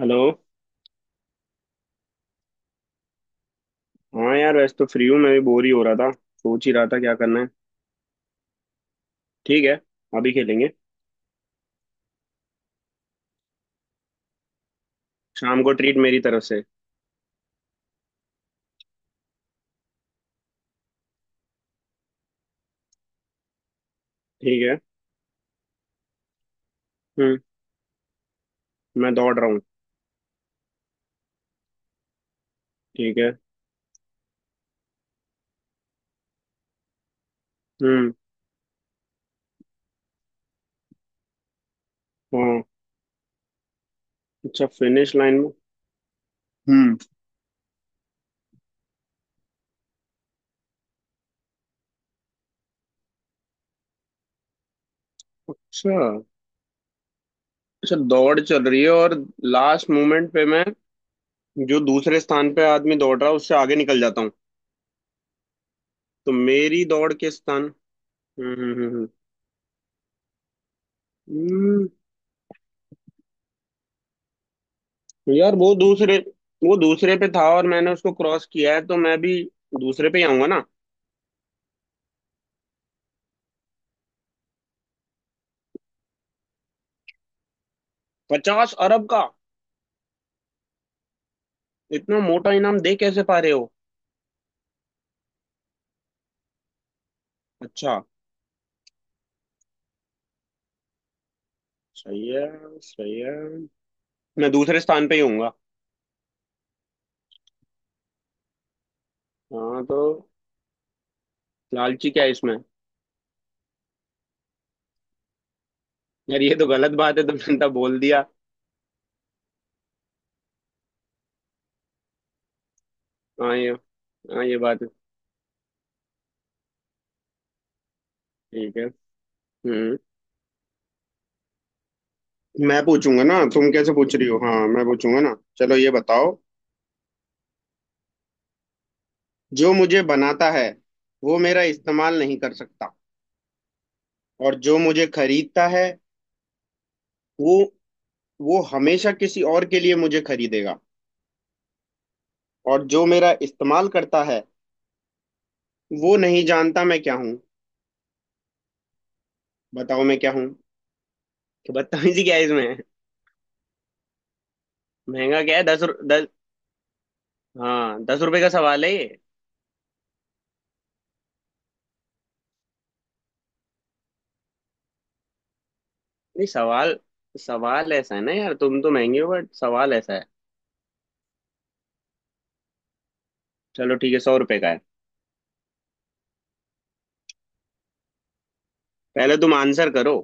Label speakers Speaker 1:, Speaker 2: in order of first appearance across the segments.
Speaker 1: Hello. हाँ यार वैसे तो फ्री हूँ, मैं भी बोर ही हो रहा था, सोच ही रहा था क्या करना है। ठीक है। अभी खेलेंगे। शाम को ट्रीट मेरी तरफ से। ठीक है। हम्म। मैं दौड़ रहा हूँ। ठीक है। हम्म। हाँ। अच्छा फिनिश लाइन में। हम्म। अच्छा। अच्छा दौड़ चल रही है और लास्ट मोमेंट पे मैं जो दूसरे स्थान पे आदमी दौड़ रहा है उससे आगे निकल जाता हूँ। तो मेरी दौड़ के स्थान। हम्म, हम्म, हम्म, हम्म, यार वो दूसरे पे था और मैंने उसको क्रॉस किया है तो मैं भी दूसरे पे ही आऊंगा ना। 50 अरब का। इतना मोटा इनाम दे कैसे पा रहे हो? अच्छा। सही है। सही है। मैं दूसरे स्थान पे ही हूँ। हाँ तो। लालची क्या है इसमें? यार ये तो गलत बात है, तुमने तो बोल दिया। हाँ ये। हाँ ये बात है। ठीक है। हम्म। मैं पूछूंगा ना, तुम कैसे पूछ रही हो? हाँ मैं पूछूंगा ना। चलो ये बताओ। जो मुझे बनाता है वो मेरा इस्तेमाल नहीं कर सकता, और जो मुझे खरीदता है वो वो हमेशा किसी और के लिए मुझे खरीदेगा, और जो मेरा इस्तेमाल करता है वो नहीं जानता मैं क्या हूँ। बताओ मैं क्या हूँ। कि बदतमीजी क्या है इसमें? महंगा क्या है? दस। हाँ, 10 रुपए का सवाल है ये। नहीं। सवाल सवाल ऐसा है ना यार, तुम तो महंगे हो बट सवाल ऐसा है। चलो ठीक है, 100 रुपए का है। पहले तुम आंसर करो।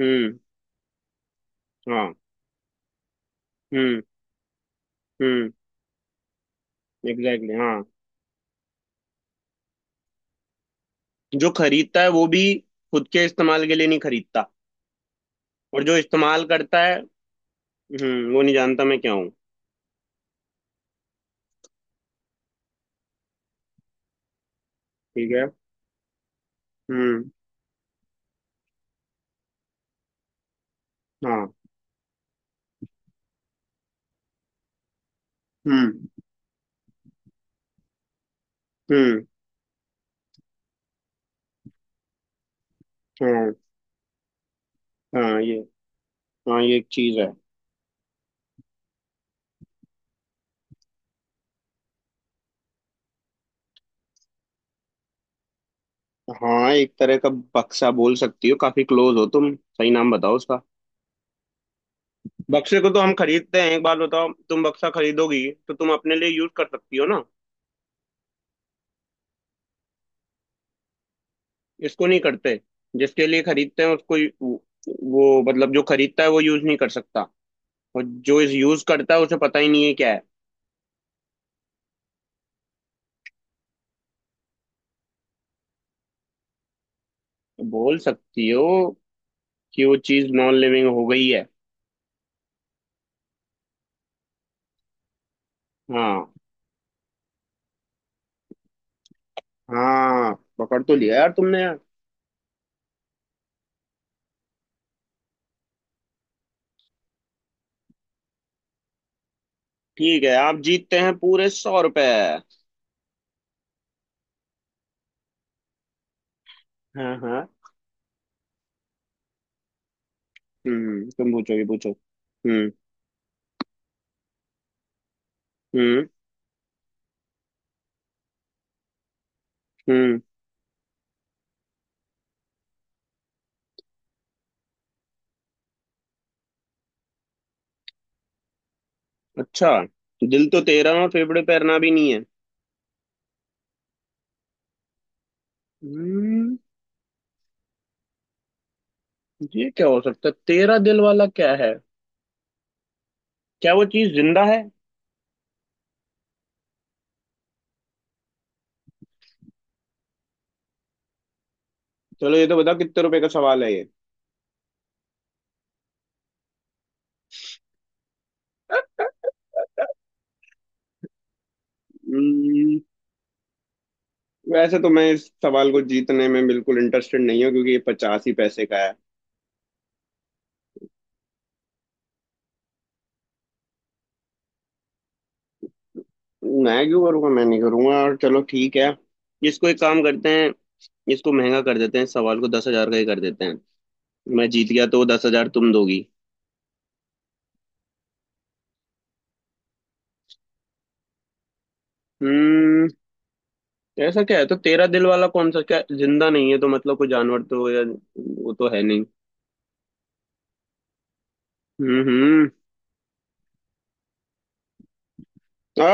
Speaker 1: हम्म। हाँ। हम्म। हम्म। एग्जैक्टली exactly, हाँ। जो खरीदता है वो भी खुद के इस्तेमाल के लिए नहीं खरीदता, और जो इस्तेमाल करता है वो नहीं जानता मैं क्या हूँ। ठीक है। हम्म। हाँ। हम्म। हम्म। हाँ। हाँ ये। हाँ ये एक चीज है। हाँ एक तरह का। बक्सा बोल सकती हो, काफी क्लोज हो तुम। सही नाम बताओ उसका। बक्से को तो हम खरीदते हैं। एक बात बताओ, तुम बक्सा खरीदोगी तो तुम अपने लिए यूज कर सकती हो ना? इसको नहीं करते, जिसके लिए खरीदते हैं उसको। वो वो मतलब, जो खरीदता है वो यूज नहीं कर सकता, और जो इस यूज करता है उसे पता ही नहीं है क्या है। बोल सकती हो कि वो चीज नॉन लिविंग हो गई है। हाँ। हाँ, पकड़ तो लिया यार तुमने, यार। ठीक है, आप जीतते हैं पूरे 100 रुपए। हाँ हाँ। हम्म। तुम पूछो, ये पूछो। हम्म। हम्म। हम्म। अच्छा। दिल तो तेरा, और फेफड़े पैरना भी नहीं है। हम्म। ये क्या हो सकता है? तेरा दिल वाला क्या है? क्या वो चीज जिंदा है? चलो ये तो बताओ, कितने रुपए का सवाल है ये? हम्म, वैसे तो मैं इस सवाल को जीतने में बिल्कुल इंटरेस्टेड नहीं हूँ क्योंकि ये 50 ही पैसे का है। मैं क्यों करूँगा? मैं नहीं करूँगा। और चलो ठीक है। इसको एक काम करते हैं, इसको महंगा कर देते हैं, इस सवाल को 10 हजार का ही कर देते हैं। मैं जीत गया तो 10 हजार तुम दोगी। हम्म। ऐसा क्या है तो तेरा दिल वाला कौन सा? क्या जिंदा नहीं है तो मतलब कोई जानवर तो, या वो तो है नहीं। हम्म। हम्म।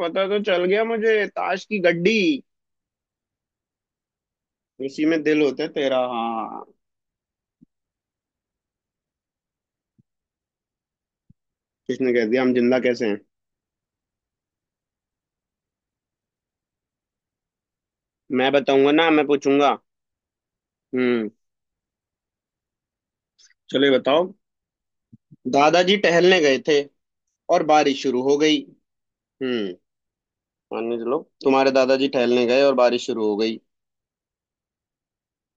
Speaker 1: पता तो चल गया मुझे, ताश की गड्डी। उसी में दिल होता है तेरा, हाँ। किसने कह दिया? हम जिंदा कैसे हैं? मैं बताऊंगा ना, मैं पूछूंगा। हम्म। चलो ये बताओ। दादाजी टहलने गए थे और बारिश शुरू हो गई। हम्म। मान के चलो, तुम्हारे दादाजी टहलने गए और बारिश शुरू हो गई।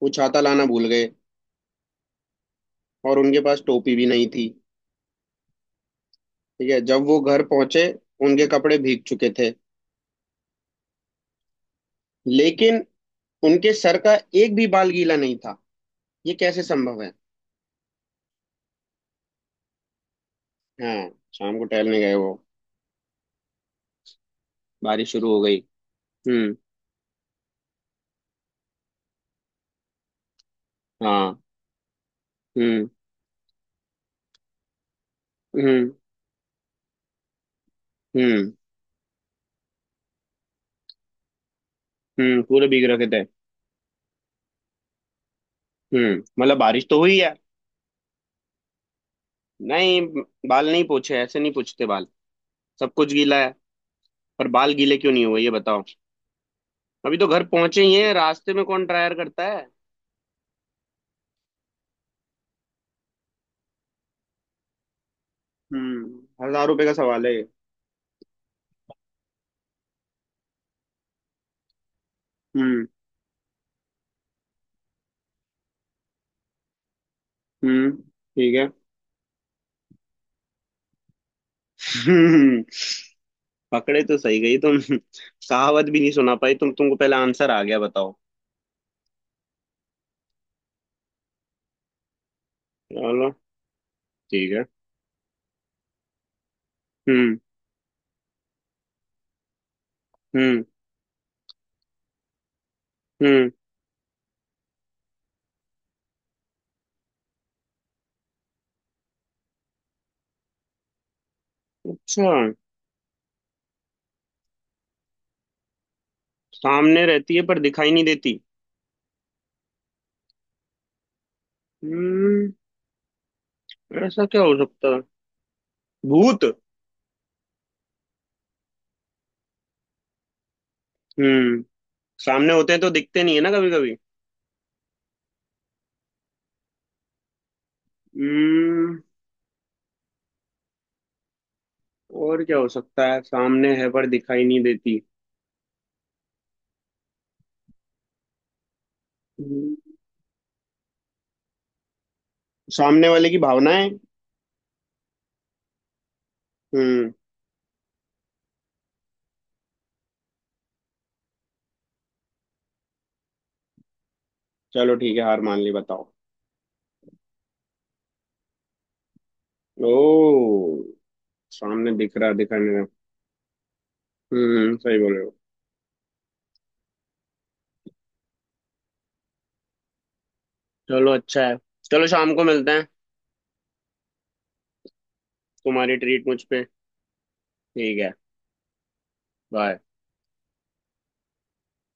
Speaker 1: वो छाता लाना भूल गए और उनके पास टोपी भी नहीं थी। ठीक है, जब वो घर पहुंचे उनके कपड़े भीग चुके थे, लेकिन उनके सर का एक भी बाल गीला नहीं था। ये कैसे संभव है? हाँ, शाम को टहलने गए वो। बारिश शुरू हो गई। हम्म। हाँ। हम्म। हम्म। हम्म। पूरे भीग रखे थे। हम्म। मतलब बारिश तो हुई है। नहीं, बाल नहीं पूछे, ऐसे नहीं पूछते बाल। सब कुछ गीला है, पर बाल गीले क्यों नहीं हुए ये बताओ। अभी तो घर पहुंचे ही हैं, रास्ते में कौन ड्रायर करता है? 1,000 रुपए का सवाल है ये। हम्म। हम्म। ठीक है। हम्म, पकड़े तो सही गई तुम। कहावत भी नहीं सुना पाई तुम, तुमको पहले आंसर आ गया। बताओ। चलो ठीक है। हम्म। हम्म। हम्म। अच्छा। सामने रहती है पर दिखाई नहीं देती। हम्म। ऐसा क्या हो सकता है? भूत। हम्म। सामने होते हैं तो दिखते नहीं है ना कभी कभी? हम्म। और क्या हो सकता है, सामने है पर दिखाई नहीं देती? हम्म, सामने वाले की भावनाएं। हम्म। चलो ठीक है, हार मान ली, बताओ। ओ। सामने दिख रहा, दिखाई नहीं रहा। सही बोल रहे हो। चलो अच्छा है। चलो शाम को मिलते हैं। तुम्हारी ट्रीट मुझ पे। ठीक है। बाय।